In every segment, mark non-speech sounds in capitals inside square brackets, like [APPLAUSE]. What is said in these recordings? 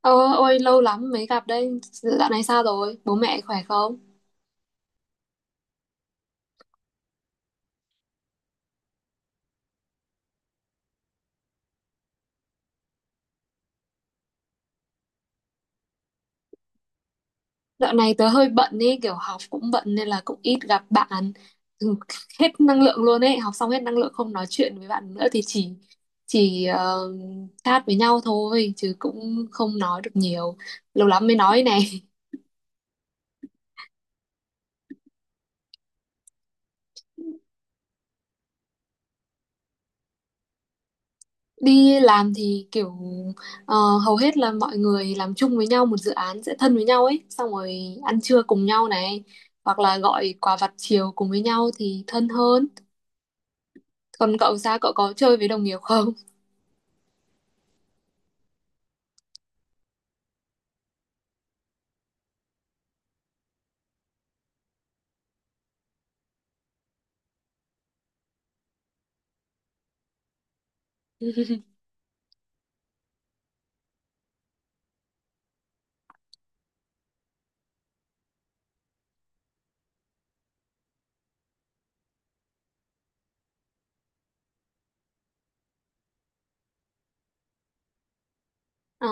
Ờ, ôi lâu lắm mới gặp đây. Dạo này sao rồi? Bố mẹ khỏe không? Dạo này tớ hơi bận ấy, kiểu học cũng bận nên là cũng ít gặp bạn. Ừ, hết năng lượng luôn ấy, học xong hết năng lượng không nói chuyện với bạn nữa thì chỉ chat với nhau thôi chứ cũng không nói được nhiều. Lâu lắm mới nói này. [LAUGHS] Đi làm thì kiểu ờ, hầu hết là mọi người làm chung với nhau một dự án sẽ thân với nhau ấy, xong rồi ăn trưa cùng nhau này, hoặc là gọi quà vặt chiều cùng với nhau thì thân hơn. Còn cậu sao? Cậu có chơi với đồng nghiệp không? [LAUGHS] Ờ,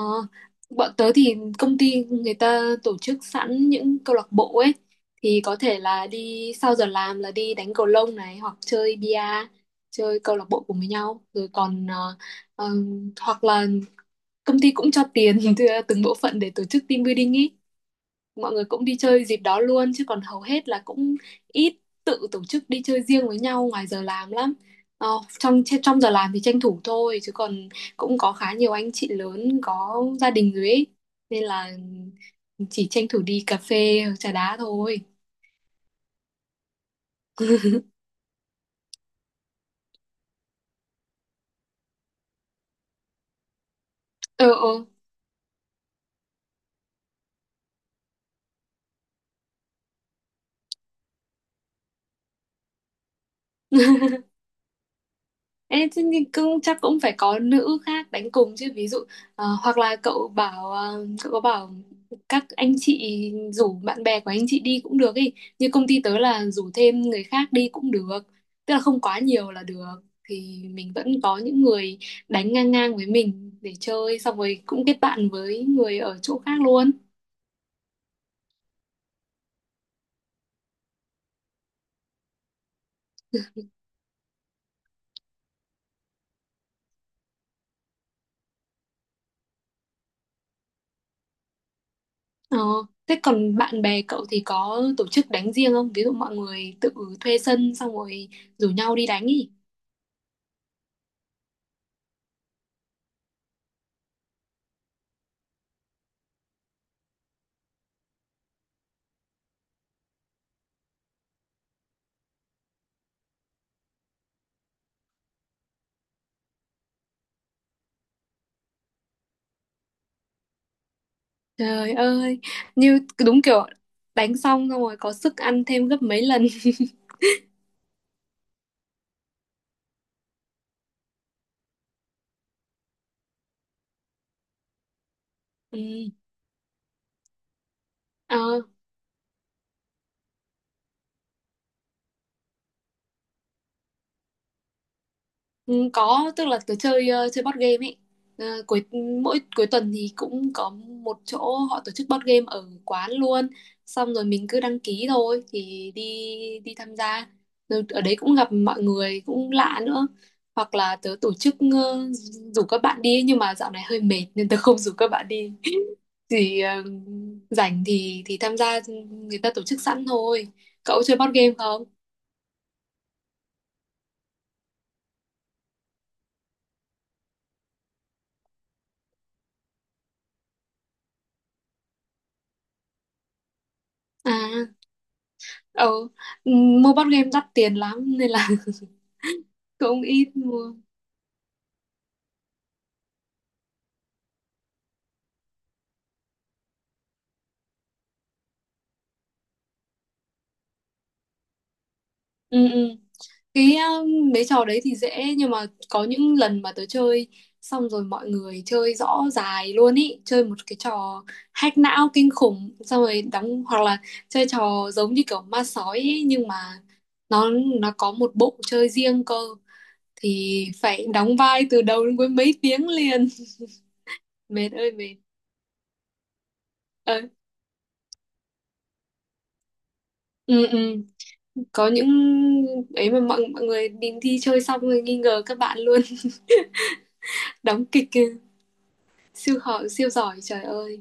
bọn tớ thì công ty người ta tổ chức sẵn những câu lạc bộ ấy thì có thể là đi sau giờ làm là đi đánh cầu lông này hoặc chơi bia, chơi câu lạc bộ cùng với nhau rồi, còn ờ, hoặc là công ty cũng cho tiền [LAUGHS] từng bộ phận để tổ chức team building ý, mọi người cũng đi chơi dịp đó luôn chứ còn hầu hết là cũng ít tự tổ chức đi chơi riêng với nhau ngoài giờ làm lắm. ờ, trong trong giờ làm thì tranh thủ thôi chứ còn cũng có khá nhiều anh chị lớn có gia đình rồi ấy, nên là chỉ tranh thủ đi cà phê trà đá thôi. ờ ờ Ê, thế thì cũng chắc cũng phải có nữ khác đánh cùng chứ, ví dụ hoặc là cậu bảo, cậu có bảo các anh chị rủ bạn bè của anh chị đi cũng được ý, như công ty tớ là rủ thêm người khác đi cũng được, tức là không quá nhiều là được thì mình vẫn có những người đánh ngang ngang với mình để chơi, xong rồi cũng kết bạn với người ở chỗ khác luôn. ờ, Thế còn bạn bè cậu thì có tổ chức đánh riêng không, ví dụ mọi người tự thuê sân xong rồi rủ nhau đi đánh ý? Trời ơi, như đúng kiểu đánh xong xong rồi có sức ăn thêm gấp mấy lần. [LAUGHS] Ừ. Ờ, ừ, có, tức là tớ chơi, chơi board game ấy. Ờ, mỗi cuối tuần thì cũng có một chỗ họ tổ chức board game ở quán luôn. Xong rồi mình cứ đăng ký thôi thì đi đi tham gia. Rồi ở đấy cũng gặp mọi người cũng lạ nữa. Hoặc là tớ tổ chức, rủ các bạn đi ấy, nhưng mà dạo này hơi mệt nên tớ không rủ các bạn đi. Thì rảnh thì tham gia, ừ, người ta tổ chức sẵn thôi. Cậu chơi board game không? À, ừ, mua board game đắt tiền lắm nên là [LAUGHS] cũng ít mua. Ừ, ừ, cái ờ, mấy trò đấy thì dễ nhưng mà có những lần mà tớ chơi xong rồi mọi người chơi rõ dài luôn ý, chơi một cái trò hack não kinh khủng xong rồi đóng, hoặc là chơi trò giống như kiểu ma sói ý, nhưng mà nó nó có một bộ chơi riêng cơ thì phải đóng vai từ đầu đến cuối mấy tiếng liền, mệt ơi mệt. ờ, ừ, ừ. Có những ấy mà mọi mọi người đi thi chơi xong rồi nghi ngờ các bạn luôn [LAUGHS] đóng kịch kìa, họ siêu giỏi trời ơi.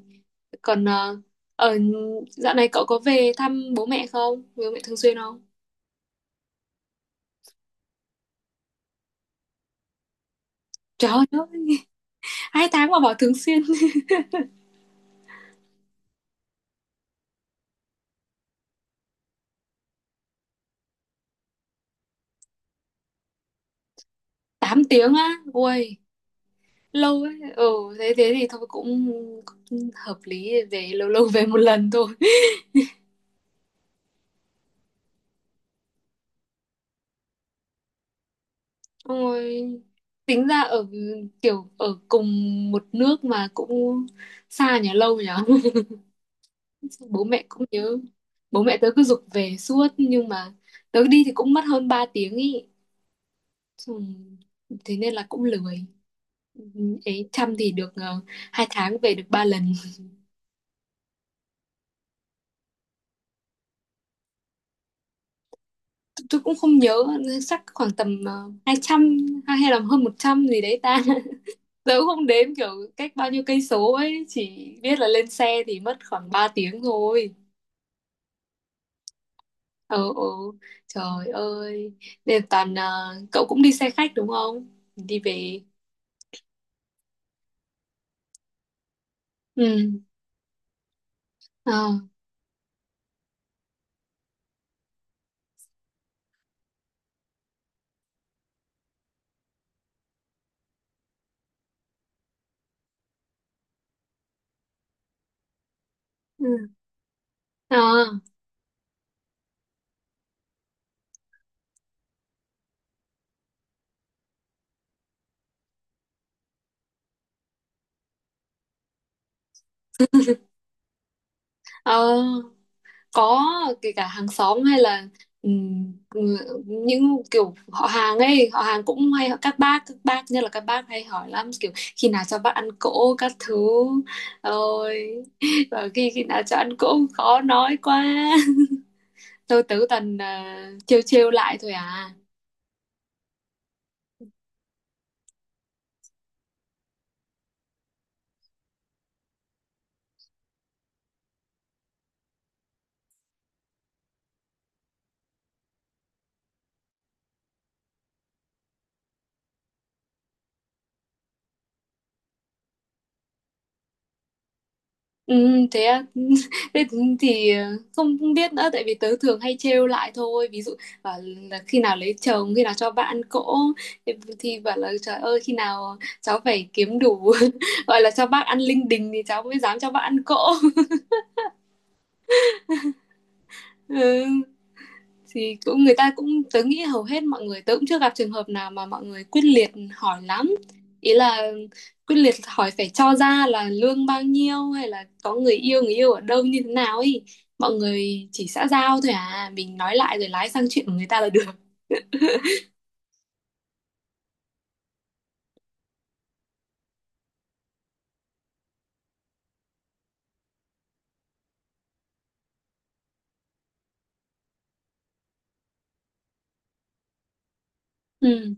Còn ờ, ở dạo này cậu có về thăm bố mẹ không, bố mẹ thường xuyên không? Trời ơi, [LAUGHS] 2 tháng mà bảo thường xuyên. [LAUGHS] 8 tiếng á, ui lâu ấy. Ừ, thế thế thì thôi cũng, cũng hợp lý, về lâu lâu về một lần thôi. Xong tính ra ở kiểu ở cùng một nước mà cũng xa nhà lâu nhở. [LAUGHS] Bố mẹ cũng nhớ, bố mẹ tớ cứ giục về suốt nhưng mà tớ đi thì cũng mất hơn 3 tiếng ý. Xong- Thế nên là cũng lười. Ừ, ấy chăm thì được, 2 tháng về được 3 lần. Tôi cũng không nhớ, chắc khoảng tầm 200 hay hay là hơn 100 gì đấy ta. [LAUGHS] Tớ cũng không đếm kiểu cách bao nhiêu cây số ấy, chỉ biết là lên xe thì mất khoảng 3 tiếng thôi. Ừ, ừ, trời ơi, nên toàn, cậu cũng đi xe khách đúng không, đi về? Ừ, ờ, ừ. Ờ, ờ, có, kể cả hàng xóm hay là, ừ, những kiểu họ hàng ấy, họ hàng cũng hay, các bác, các bác nhất là các bác hay hỏi lắm kiểu khi nào cho bác ăn cỗ các thứ. Ôi, và khi khi nào cho ăn cỗ khó nói quá. [LAUGHS] Tôi tứ toàn, trêu trêu lại thôi à. Ừ, thế à? [LAUGHS] Thế thì không không biết nữa tại vì tớ thường hay trêu lại thôi, ví dụ bảo là khi nào lấy chồng, khi nào cho bạn cỗ thì thì bảo là trời ơi khi nào cháu phải kiếm đủ [LAUGHS] gọi là cho bác ăn linh đình thì cháu mới dám cho bác ăn cỗ. [LAUGHS] Ừ, thì cũng người ta cũng, tớ nghĩ hầu hết mọi người, tớ cũng chưa gặp trường hợp nào mà mọi người quyết liệt hỏi lắm, ý là quyết liệt hỏi phải cho ra là lương bao nhiêu hay là có người yêu, người yêu ở đâu như thế nào ấy, mọi người chỉ xã giao thôi à mình nói lại rồi lái sang chuyện của người ta là được. Ừ.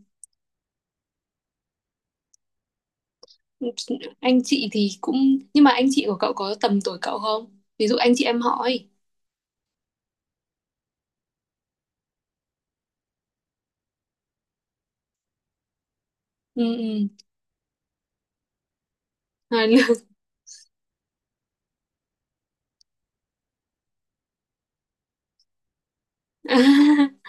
Anh chị thì cũng, nhưng mà anh chị của cậu có tầm tuổi cậu không, ví dụ anh chị em họ ấy? Ừ, ừ. À, lương... [LAUGHS]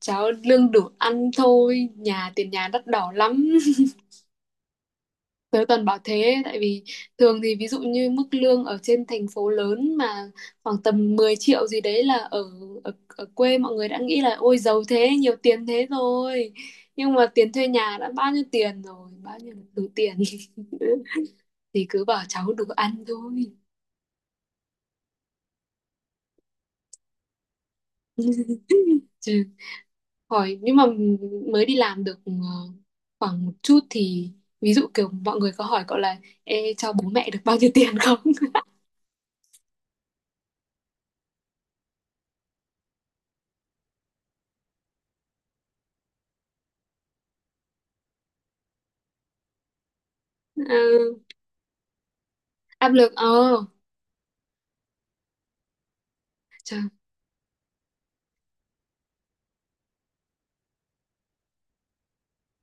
Cháu lương đủ ăn thôi, nhà tiền nhà đắt đỏ lắm. [LAUGHS] Tớ toàn bảo thế tại vì thường thì ví dụ như mức lương ở trên thành phố lớn mà khoảng tầm 10 triệu gì đấy là ở ở, ở, quê mọi người đã nghĩ là ôi giàu thế, nhiều tiền thế rồi. Nhưng mà tiền thuê nhà đã bao nhiêu tiền rồi, bao nhiêu là đủ tiền [LAUGHS] thì cứ bảo cháu đủ ăn thôi. [LAUGHS] Chứ hỏi, nhưng mà mới đi làm được khoảng một chút thì, ví dụ kiểu mọi người có hỏi cậu là: Ê, cho bố mẹ được bao nhiêu tiền không? [LAUGHS] À, áp lực, trời.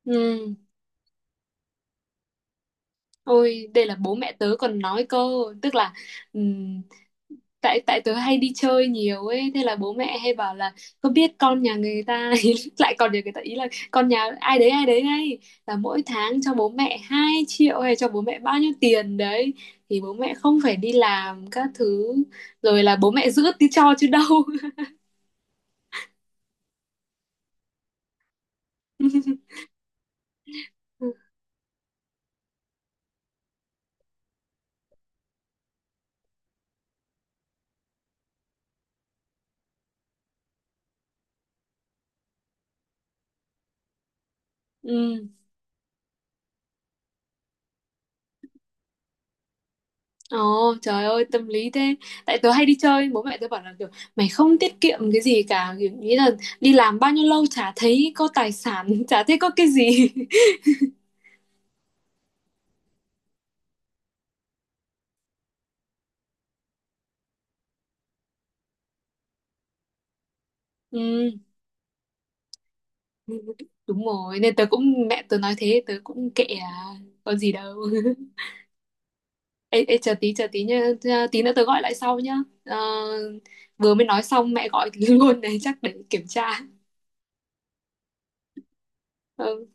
Ừ. Ôi, đây là bố mẹ tớ còn nói cơ, tức là ừm, tại tại tớ hay đi chơi nhiều ấy, thế là bố mẹ hay bảo là có biết con nhà người ta, [LAUGHS] ý, lại còn nhà người ta ý là con nhà ai đấy ngay là mỗi tháng cho bố mẹ 2 triệu hay cho bố mẹ bao nhiêu tiền đấy, thì bố mẹ không phải đi làm các thứ rồi là bố mẹ giữ tí cho chứ đâu. [LAUGHS] Ừ. Ồ trời ơi tâm lý thế. Tại tớ hay đi chơi, bố mẹ tớ bảo là kiểu mày không tiết kiệm cái gì cả kiểu, nghĩ là đi làm bao nhiêu lâu chả thấy có tài sản [LAUGHS] chả thấy có cái gì. [LAUGHS] Ừ, đúng rồi, nên tớ cũng, mẹ tớ nói thế tớ cũng kệ à, có gì đâu. [LAUGHS] Ê, ê, chờ tí, chờ tí nhá, tí nữa tớ gọi lại sau nhá. Ờ, vừa mới nói xong mẹ gọi [LAUGHS] luôn này, chắc để kiểm tra. Ừ